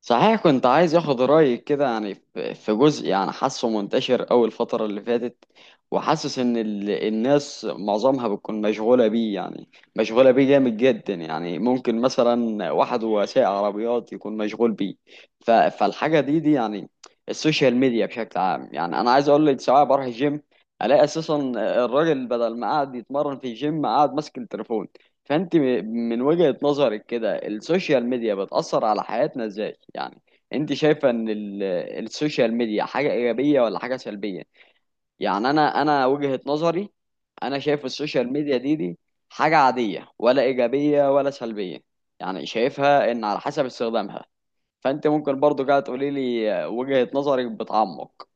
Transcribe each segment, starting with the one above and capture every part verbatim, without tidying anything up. صحيح كنت عايز اخد رايك كده يعني في في جزء يعني حاسه منتشر أوي الفتره اللي فاتت. وحاسس ان ال- الناس معظمها بتكون مشغوله بيه يعني، مشغوله بيه جامد جدا. يعني ممكن مثلا واحد وسائق عربيات يكون مشغول بيه، ف- فالحاجه دي دي يعني السوشيال ميديا بشكل عام. يعني انا عايز اقول لك، سواء بروح الجيم الاقي اساسا الراجل بدل ما قاعد يتمرن في الجيم قاعد ماسك التليفون. فانت م- من وجهة نظرك كده السوشيال ميديا بتأثر على حياتنا ازاي يعني؟ انت شايفة ان ال- السوشيال ميديا حاجة ايجابية ولا حاجة سلبية؟ يعني انا انا وجهة نظري، انا شايف السوشيال ميديا دي دي حاجة عادية ولا ايجابية ولا سلبية، يعني شايفها ان على حسب استخدامها. فانت ممكن برضو قاعد تقولي لي وجهة نظرك بتعمق.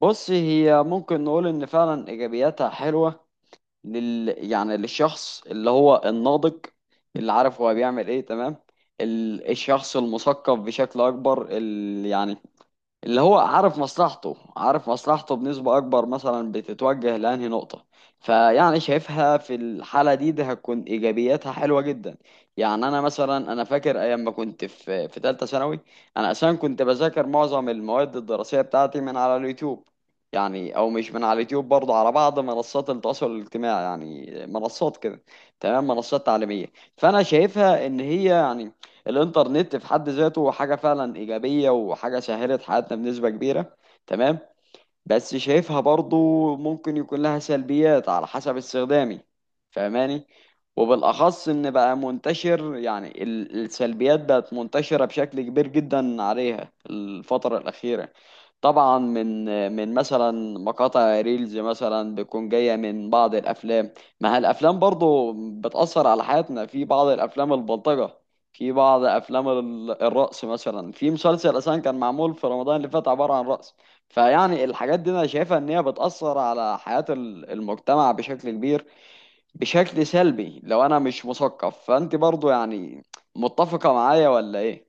بص هي ممكن نقول ان فعلا ايجابياتها حلوة لل يعني للشخص اللي هو الناضج، اللي عارف هو بيعمل ايه، تمام؟ ال- الشخص المثقف بشكل اكبر، اللي يعني اللي هو عارف مصلحته، عارف مصلحته بنسبة أكبر، مثلا بتتوجه لأنهي نقطة. فيعني شايفها في الحالة دي ده هتكون إيجابياتها حلوة جدا. يعني أنا مثلا أنا فاكر أيام ما كنت في في تالتة ثانوي أنا أساسا كنت بذاكر معظم المواد الدراسية بتاعتي من على اليوتيوب. يعني أو مش من على اليوتيوب، برضه على بعض منصات التواصل الاجتماعي، يعني منصات كده، تمام، منصات تعليمية. فأنا شايفها إن هي يعني الانترنت في حد ذاته حاجة فعلا إيجابية وحاجة سهلت حياتنا بنسبة كبيرة، تمام؟ بس شايفها برضو ممكن يكون لها سلبيات على حسب استخدامي، فاهماني؟ وبالأخص إن بقى منتشر، يعني ال- السلبيات بقت منتشرة بشكل كبير جدا عليها الفترة الأخيرة. طبعا من من مثلا مقاطع ريلز مثلا بتكون جاية من بعض الأفلام. ما هي الأفلام برضو بتأثر على حياتنا، في بعض الأفلام البلطجة، في بعض أفلام ال- الرقص، مثلا في مسلسل أساسا كان معمول في رمضان اللي فات عبارة عن رقص. فيعني الحاجات دي انا شايفها ان هي بتأثر على حياة ال- المجتمع بشكل كبير، بشكل سلبي، لو انا مش مثقف. فانت برضو يعني متفقة معايا ولا ايه؟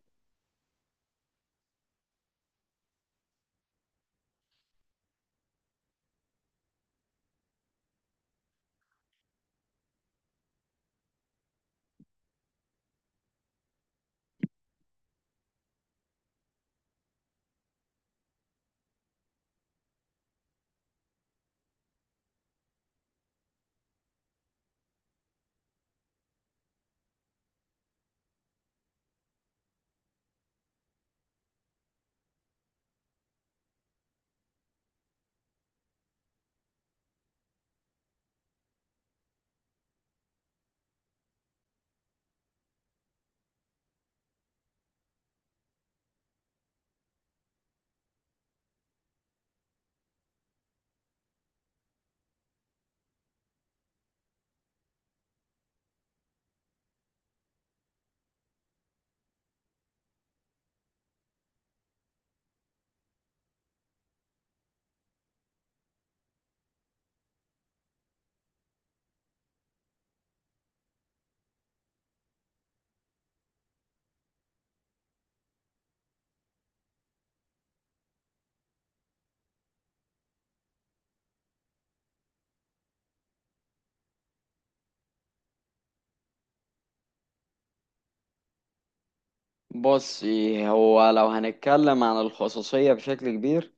بصي هو لو هنتكلم عن الخصوصية بشكل كبير،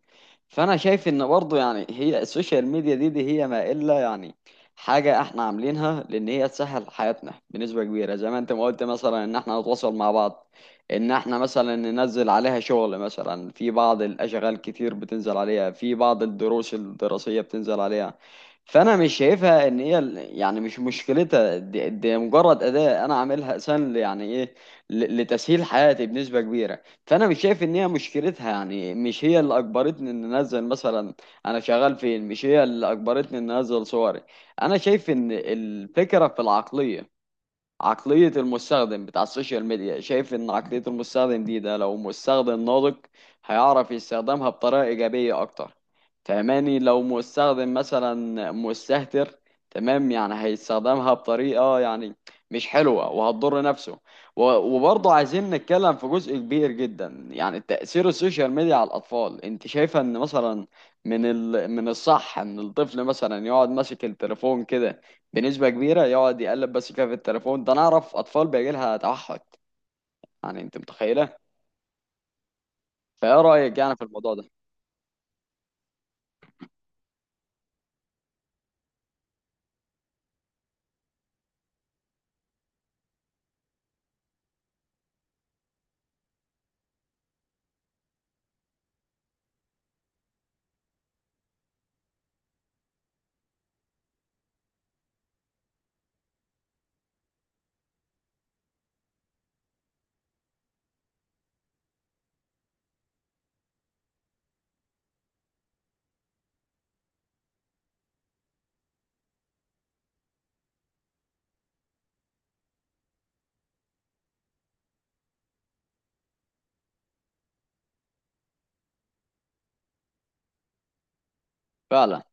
فانا شايف ان برضه يعني هي السوشيال ميديا دي, دي هي ما الا يعني حاجه احنا عاملينها لان هي تسهل حياتنا بنسبه كبيره، زي ما انت ما قلت مثلا، ان احنا نتواصل مع بعض، ان احنا مثلا ننزل عليها شغل، مثلا في بعض الاشغال كتير بتنزل عليها، في بعض الدروس الدراسيه بتنزل عليها. فانا مش شايفها ان هي ال- يعني مش مشكلتها، دي, دي مجرد اداه انا عاملها اساسا يعني ايه ل- لتسهيل حياتي بنسبه كبيره. فانا مش شايف ان هي مشكلتها، يعني مش هي اللي اجبرتني ان انزل مثلا انا شغال فين، مش هي اللي اجبرتني ان انزل صوري. انا شايف ان الفكره في العقليه، عقلية المستخدم بتاع السوشيال ميديا، شايف ان عقلية المستخدم دي ده لو مستخدم ناضج هيعرف يستخدمها بطريقة ايجابية اكتر، فهماني؟ لو مستخدم مثلا مستهتر، تمام، يعني هيستخدمها بطريقة يعني مش حلوة وهتضر نفسه. و- وبرضه عايزين نتكلم في جزء كبير جدا يعني تأثير السوشيال ميديا على الأطفال. انت شايفة ان مثلا من ال... من الصح ان الطفل مثلا يقعد ماسك التليفون كده بنسبة كبيرة، يقعد يقلب بس كده في التليفون ده؟ أنا أعرف أطفال بيجي لها توحد، يعني أنت متخيلة؟ فإيه رأيك يعني في الموضوع ده؟ فعلا،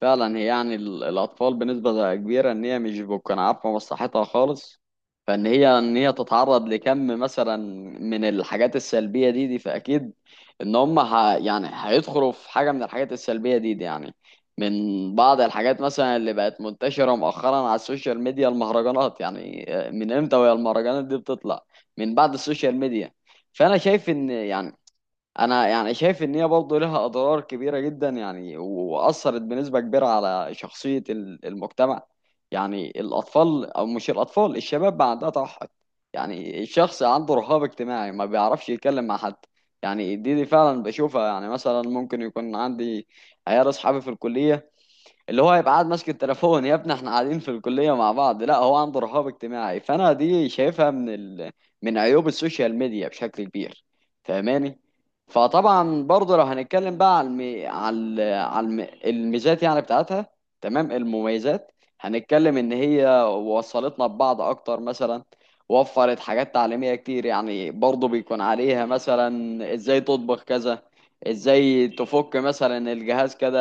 فعلا هي يعني ال- الأطفال بنسبة كبيرة إن هي مش بتكون عارفة مصلحتها خالص، فإن هي إن هي تتعرض لكم مثلا من الحاجات السلبية دي دي فأكيد إن هم ه... يعني هيدخلوا في حاجة من الحاجات السلبية دي دي يعني، من بعض الحاجات مثلا اللي بقت منتشرة مؤخرا على السوشيال ميديا المهرجانات. يعني آه، من إمتى وهي المهرجانات دي بتطلع؟ من بعد السوشيال ميديا. فأنا شايف إن يعني انا يعني شايف ان هي برضه لها اضرار كبيره جدا يعني و- واثرت بنسبه كبيره على شخصيه ال- المجتمع. يعني الاطفال او مش الاطفال، الشباب بقى عندها توحد، يعني الشخص عنده رهاب اجتماعي ما بيعرفش يتكلم مع حد. يعني دي, دي فعلا بشوفها، يعني مثلا ممكن يكون عندي عيال اصحابي في الكليه اللي هو هيبقى قاعد ماسك التليفون. يا ابني احنا قاعدين في الكلية مع بعض، لا هو عنده رهاب اجتماعي. فانا دي شايفها من ال... من عيوب السوشيال ميديا بشكل كبير، فاهماني؟ فطبعا برضه لو هنتكلم بقى على الم... على ال- على الم... الميزات يعني بتاعتها، تمام، المميزات. هنتكلم ان هي وصلتنا ببعض اكتر مثلا، وفرت حاجات تعليمية كتير، يعني برضه بيكون عليها مثلا ازاي تطبخ كذا، ازاي تفك مثلا الجهاز كده،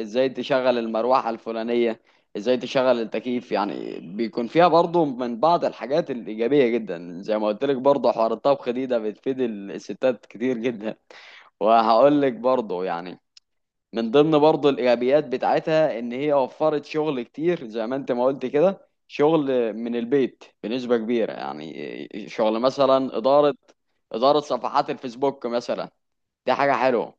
ازاي تشغل المروحة الفلانية، ازاي تشغل التكييف. يعني بيكون فيها برضو من بعض الحاجات الإيجابية جدا، زي ما قلت لك برضو حوار الطبخ دي ده بتفيد الستات كتير جدا. وهقول لك برضو يعني من ضمن برضو الإيجابيات بتاعتها إن هي وفرت شغل كتير، زي ما أنت ما قلت كده شغل من البيت بنسبة كبيرة، يعني شغل مثلا إدارة، إدارة صفحات الفيسبوك مثلا، دي حاجة حلوة.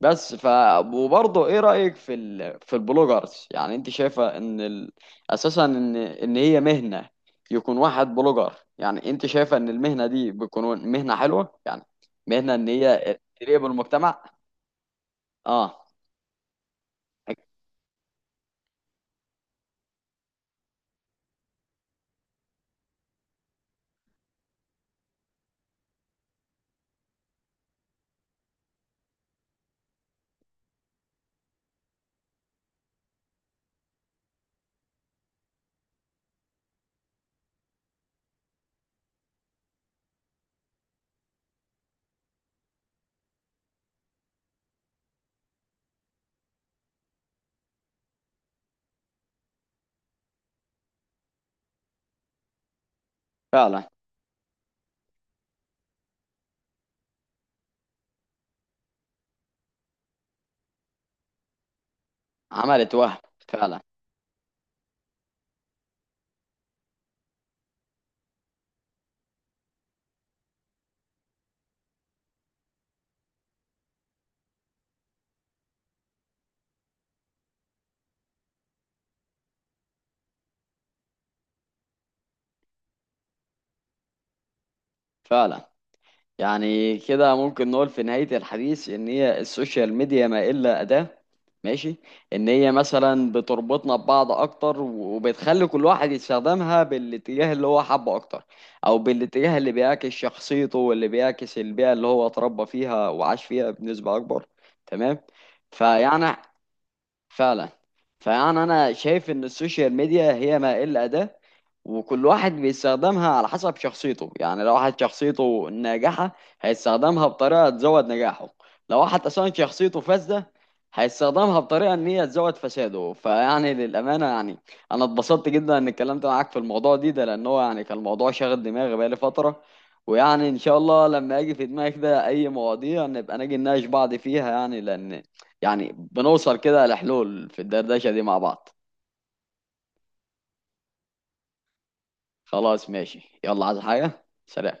بس ف وبرضه ايه رأيك في ال... في البلوجرز؟ يعني انت شايفة ان ال... اساسا ان ان هي مهنة، يكون واحد بلوجر؟ يعني انت شايفة ان المهنة دي بتكون مهنة حلوة يعني، مهنة ان هي قريبة من المجتمع؟ اه، فعلا، عملت وهم، فعلا، فعلا. يعني كده ممكن نقول في نهاية الحديث إن هي السوشيال ميديا ما إلا أداة، ماشي، إن هي مثلا بتربطنا ببعض أكتر وبتخلي كل واحد يستخدمها بالاتجاه اللي هو حبه أكتر، أو بالاتجاه اللي بيعكس شخصيته واللي بيعكس البيئة اللي هو اتربى فيها وعاش فيها بنسبة أكبر، تمام. فيعني فعلا، فيعني انا شايف ان السوشيال ميديا هي ما الا اداة، وكل واحد بيستخدمها على حسب شخصيته. يعني لو واحد شخصيته ناجحة هيستخدمها بطريقة تزود نجاحه، لو واحد اصلا شخصيته فاسدة هيستخدمها بطريقة ان هي تزود فساده. فيعني للأمانة يعني انا اتبسطت جدا ان اتكلمت معاك في الموضوع دي ده، لان هو يعني كان الموضوع شاغل دماغي بقالي فترة. ويعني ان شاء الله لما اجي في دماغي كده اي مواضيع نبقى نجي نناقش بعض فيها، يعني لان يعني بنوصل كده لحلول في الدردشه دي مع بعض. خلاص ماشي، يلا، عايز حاجه؟ سلام.